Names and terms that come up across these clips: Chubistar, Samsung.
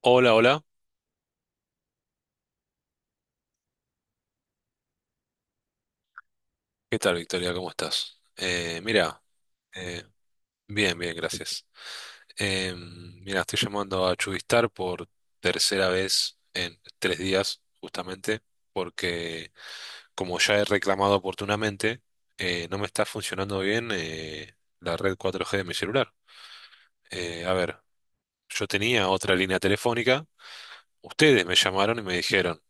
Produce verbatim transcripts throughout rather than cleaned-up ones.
Hola, hola. ¿Qué tal, Victoria? ¿Cómo estás? Eh, mira, eh, bien, bien, gracias. Eh, mira, estoy llamando a Chubistar por tercera vez en tres días, justamente, porque como ya he reclamado oportunamente, eh, no me está funcionando bien eh, la red cuatro G de mi celular. Eh, a ver, yo tenía otra línea telefónica, ustedes me llamaron y me dijeron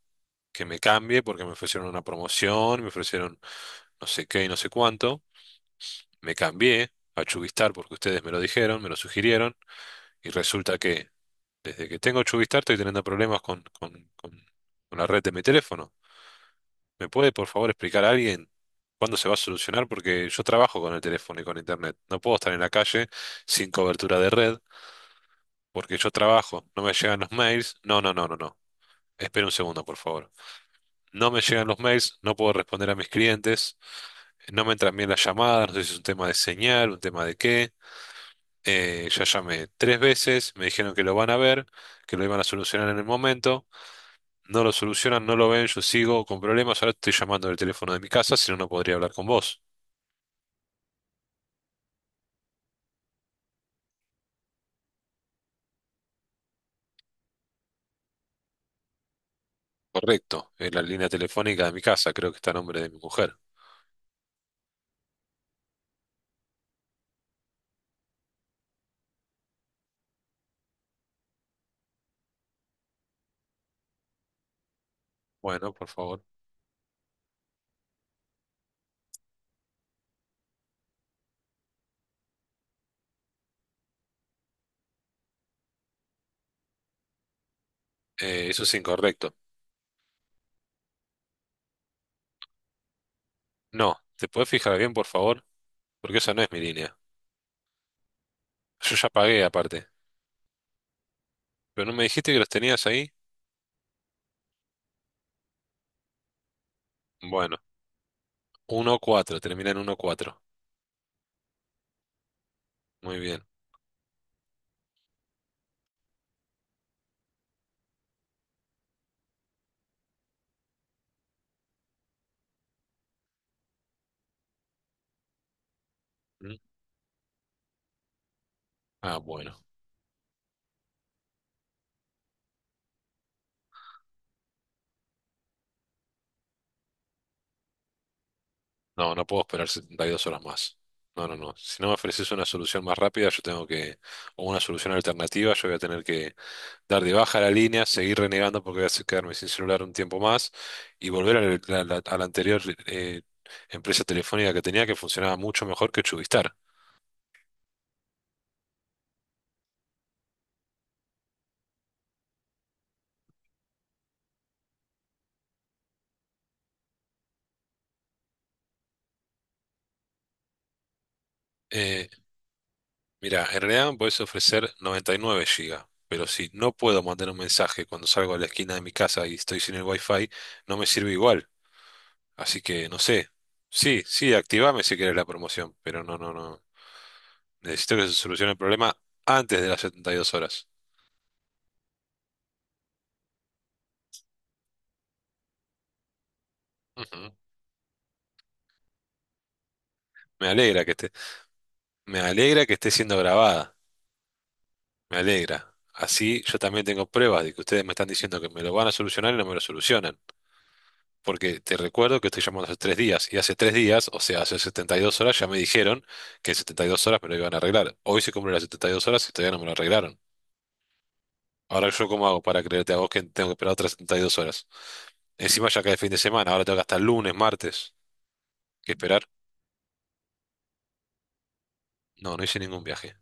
que me cambie porque me ofrecieron una promoción, me ofrecieron no sé qué y no sé cuánto. Me cambié a Chubistar porque ustedes me lo dijeron, me lo sugirieron, y resulta que desde que tengo Chubistar estoy teniendo problemas con, con- con- con la red de mi teléfono. ¿Me puede, por favor, explicar a alguien cuándo se va a solucionar? Porque yo trabajo con el teléfono y con internet. No puedo estar en la calle sin cobertura de red porque yo trabajo, no me llegan los mails. No, no, no, no, no. Espera un segundo, por favor. No me llegan los mails, no puedo responder a mis clientes, no me entran bien las llamadas, no sé si es un tema de señal, un tema de qué. Eh, ya llamé tres veces, me dijeron que lo van a ver, que lo iban a solucionar en el momento. No lo solucionan, no lo ven, yo sigo con problemas. Ahora estoy llamando del teléfono de mi casa, si no, no podría hablar con vos. Correcto, es la línea telefónica de mi casa, creo que está a nombre de mi mujer. Bueno, por favor. Eh, eso es incorrecto. No, ¿te podés fijar bien, por favor? Porque esa no es mi línea. Yo ya pagué aparte. ¿Pero no me dijiste que los tenías ahí? Bueno, uno cuatro, termina en uno cuatro. Muy bien. ¿Mm? Ah, bueno. No, no puedo esperar setenta y dos horas más. No, no, no. Si no me ofreces una solución más rápida, yo tengo que, o una solución alternativa, yo voy a tener que dar de baja la línea, seguir renegando porque voy a se- quedarme sin celular un tiempo más y volver a la, la- a la anterior eh, empresa telefónica que tenía, que funcionaba mucho mejor que Chubistar. Eh, Mira, en realidad me podés ofrecer noventa y nueve gigas, pero si no puedo mandar un mensaje cuando salgo a la esquina de mi casa y estoy sin el wifi, no me sirve igual. Así que no sé. Sí, sí, activame si querés la promoción, pero no, no, no. Necesito que se solucione el problema antes de las setenta y dos horas. Ujú. Me alegra que esté, me alegra que esté siendo grabada. Me alegra. Así yo también tengo pruebas de que ustedes me están diciendo que me lo van a solucionar y no me lo solucionan. Porque te recuerdo que estoy llamando hace tres días y hace tres días, o sea, hace setenta y dos horas ya me dijeron que en setenta y dos horas me lo iban a arreglar. Hoy se cumplen las setenta y dos horas y todavía no me lo arreglaron. Ahora yo cómo hago para creerte a vos que tengo que esperar otras setenta y dos horas. Encima ya cae el fin de semana, ahora tengo que hasta el lunes, martes, que esperar. No, no hice ningún viaje.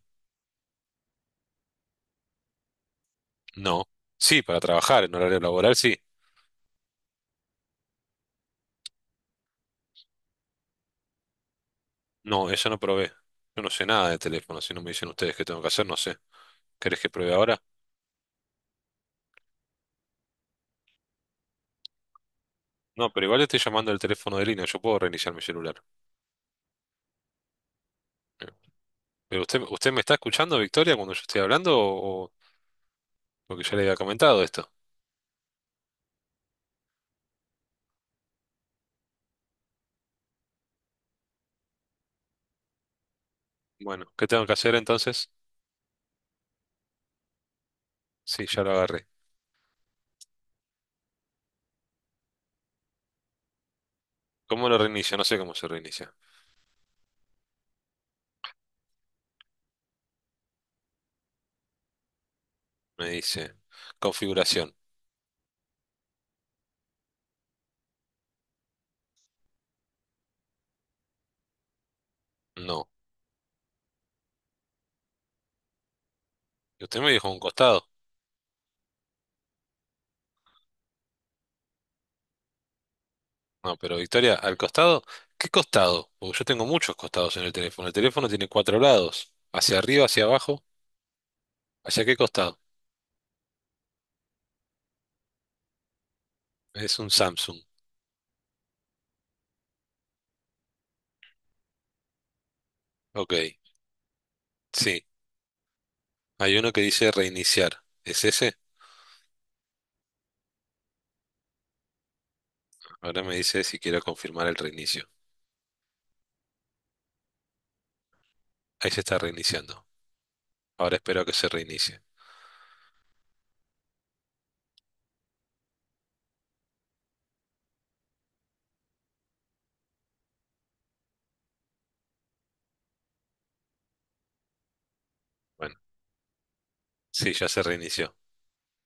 No. Sí, para trabajar en horario laboral, sí. No, eso no probé. Yo no sé nada de teléfono, si no me dicen ustedes qué tengo que hacer, no sé. ¿Querés que pruebe ahora? No, pero igual estoy llamando el teléfono de línea, yo puedo reiniciar mi celular. Pero usted, ¿usted me está escuchando, Victoria, cuando yo estoy hablando o, o- porque ya le había comentado esto? Bueno, ¿qué tengo que hacer entonces? Sí, ya lo agarré. ¿Cómo lo reinicio? No sé cómo se reinicia. Me dice configuración. No. Y usted me dijo un costado. No, pero Victoria, al costado, ¿qué costado? Porque yo tengo muchos costados en el teléfono. El teléfono tiene cuatro lados, hacia arriba, hacia abajo, ¿hacia qué costado? Es un Samsung. Ok, sí. Hay uno que dice reiniciar. ¿Es ese? Ahora me dice si quiero confirmar el reinicio. Ahí se está reiniciando. Ahora espero a que se reinicie. Bueno, sí, ya se reinició.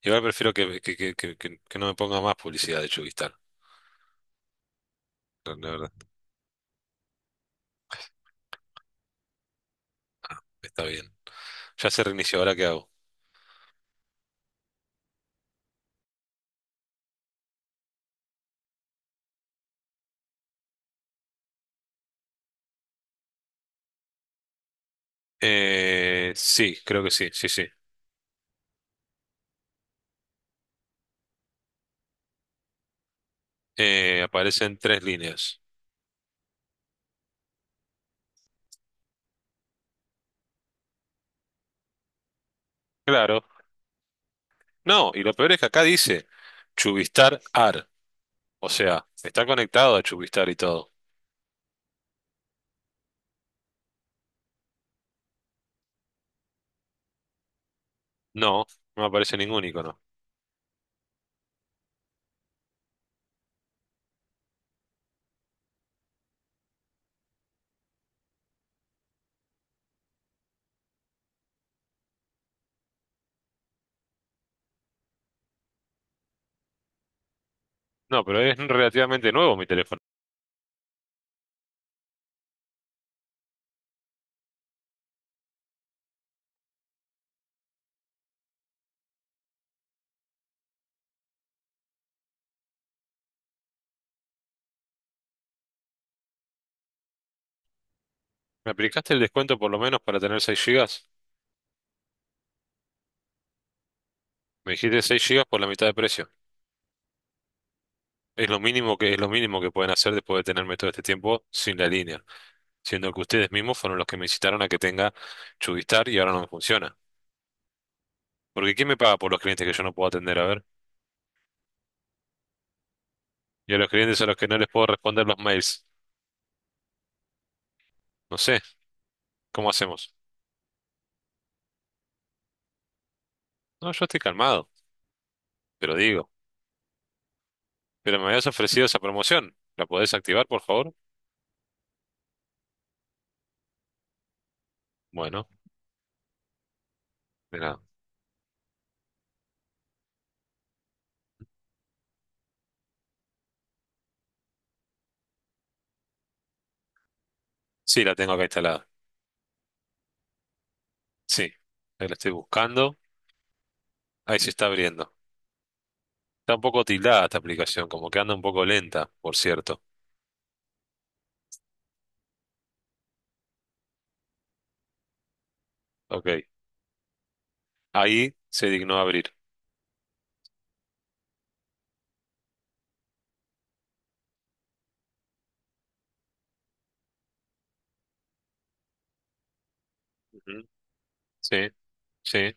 Igual prefiero que, que, que, que, que- que no me ponga más publicidad de Chubistar. La la verdad, está bien. Ya se reinició, ¿ahora qué hago? Eh, sí, creo que sí, sí, sí. Eh, aparecen tres líneas. Claro. No, y lo peor es que acá dice Chubistar A R. O sea, está conectado a Chubistar y todo. No, no aparece ningún icono. No, pero es relativamente nuevo mi teléfono. ¿Me aplicaste el descuento por lo menos para tener seis gigas? Me dijiste seis gigas por la mitad de precio. Es lo mínimo que, es lo mínimo que pueden hacer después de tenerme todo este tiempo sin la línea, siendo que ustedes mismos fueron los que me incitaron a que tenga Chubistar y ahora no me funciona. Porque ¿quién me paga por los clientes que yo no puedo atender? A ver. Y a los clientes a los que no les puedo responder los mails. No sé, ¿cómo hacemos? No, yo estoy calmado, pero digo. Pero me habías ofrecido esa promoción. ¿La podés activar, por favor? Bueno, de nada. Sí, la tengo acá instalada. Sí, ahí la estoy buscando. Ahí se está abriendo. Está un poco tildada esta aplicación, como que anda un poco lenta, por cierto. Ok. Ahí se dignó abrir. Ujú. Sí, sí.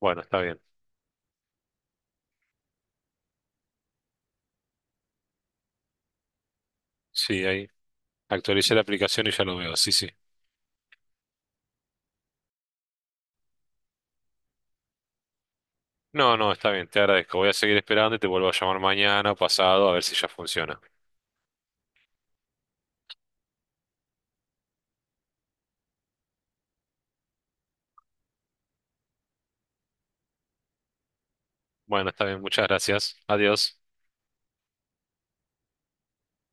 Bueno, está bien. Sí, ahí actualicé la aplicación y ya lo veo. Sí, sí. No, no, está bien, te agradezco. Voy a seguir esperando y te vuelvo a llamar mañana o pasado a ver si ya funciona. Bueno, está bien, muchas gracias. Adiós.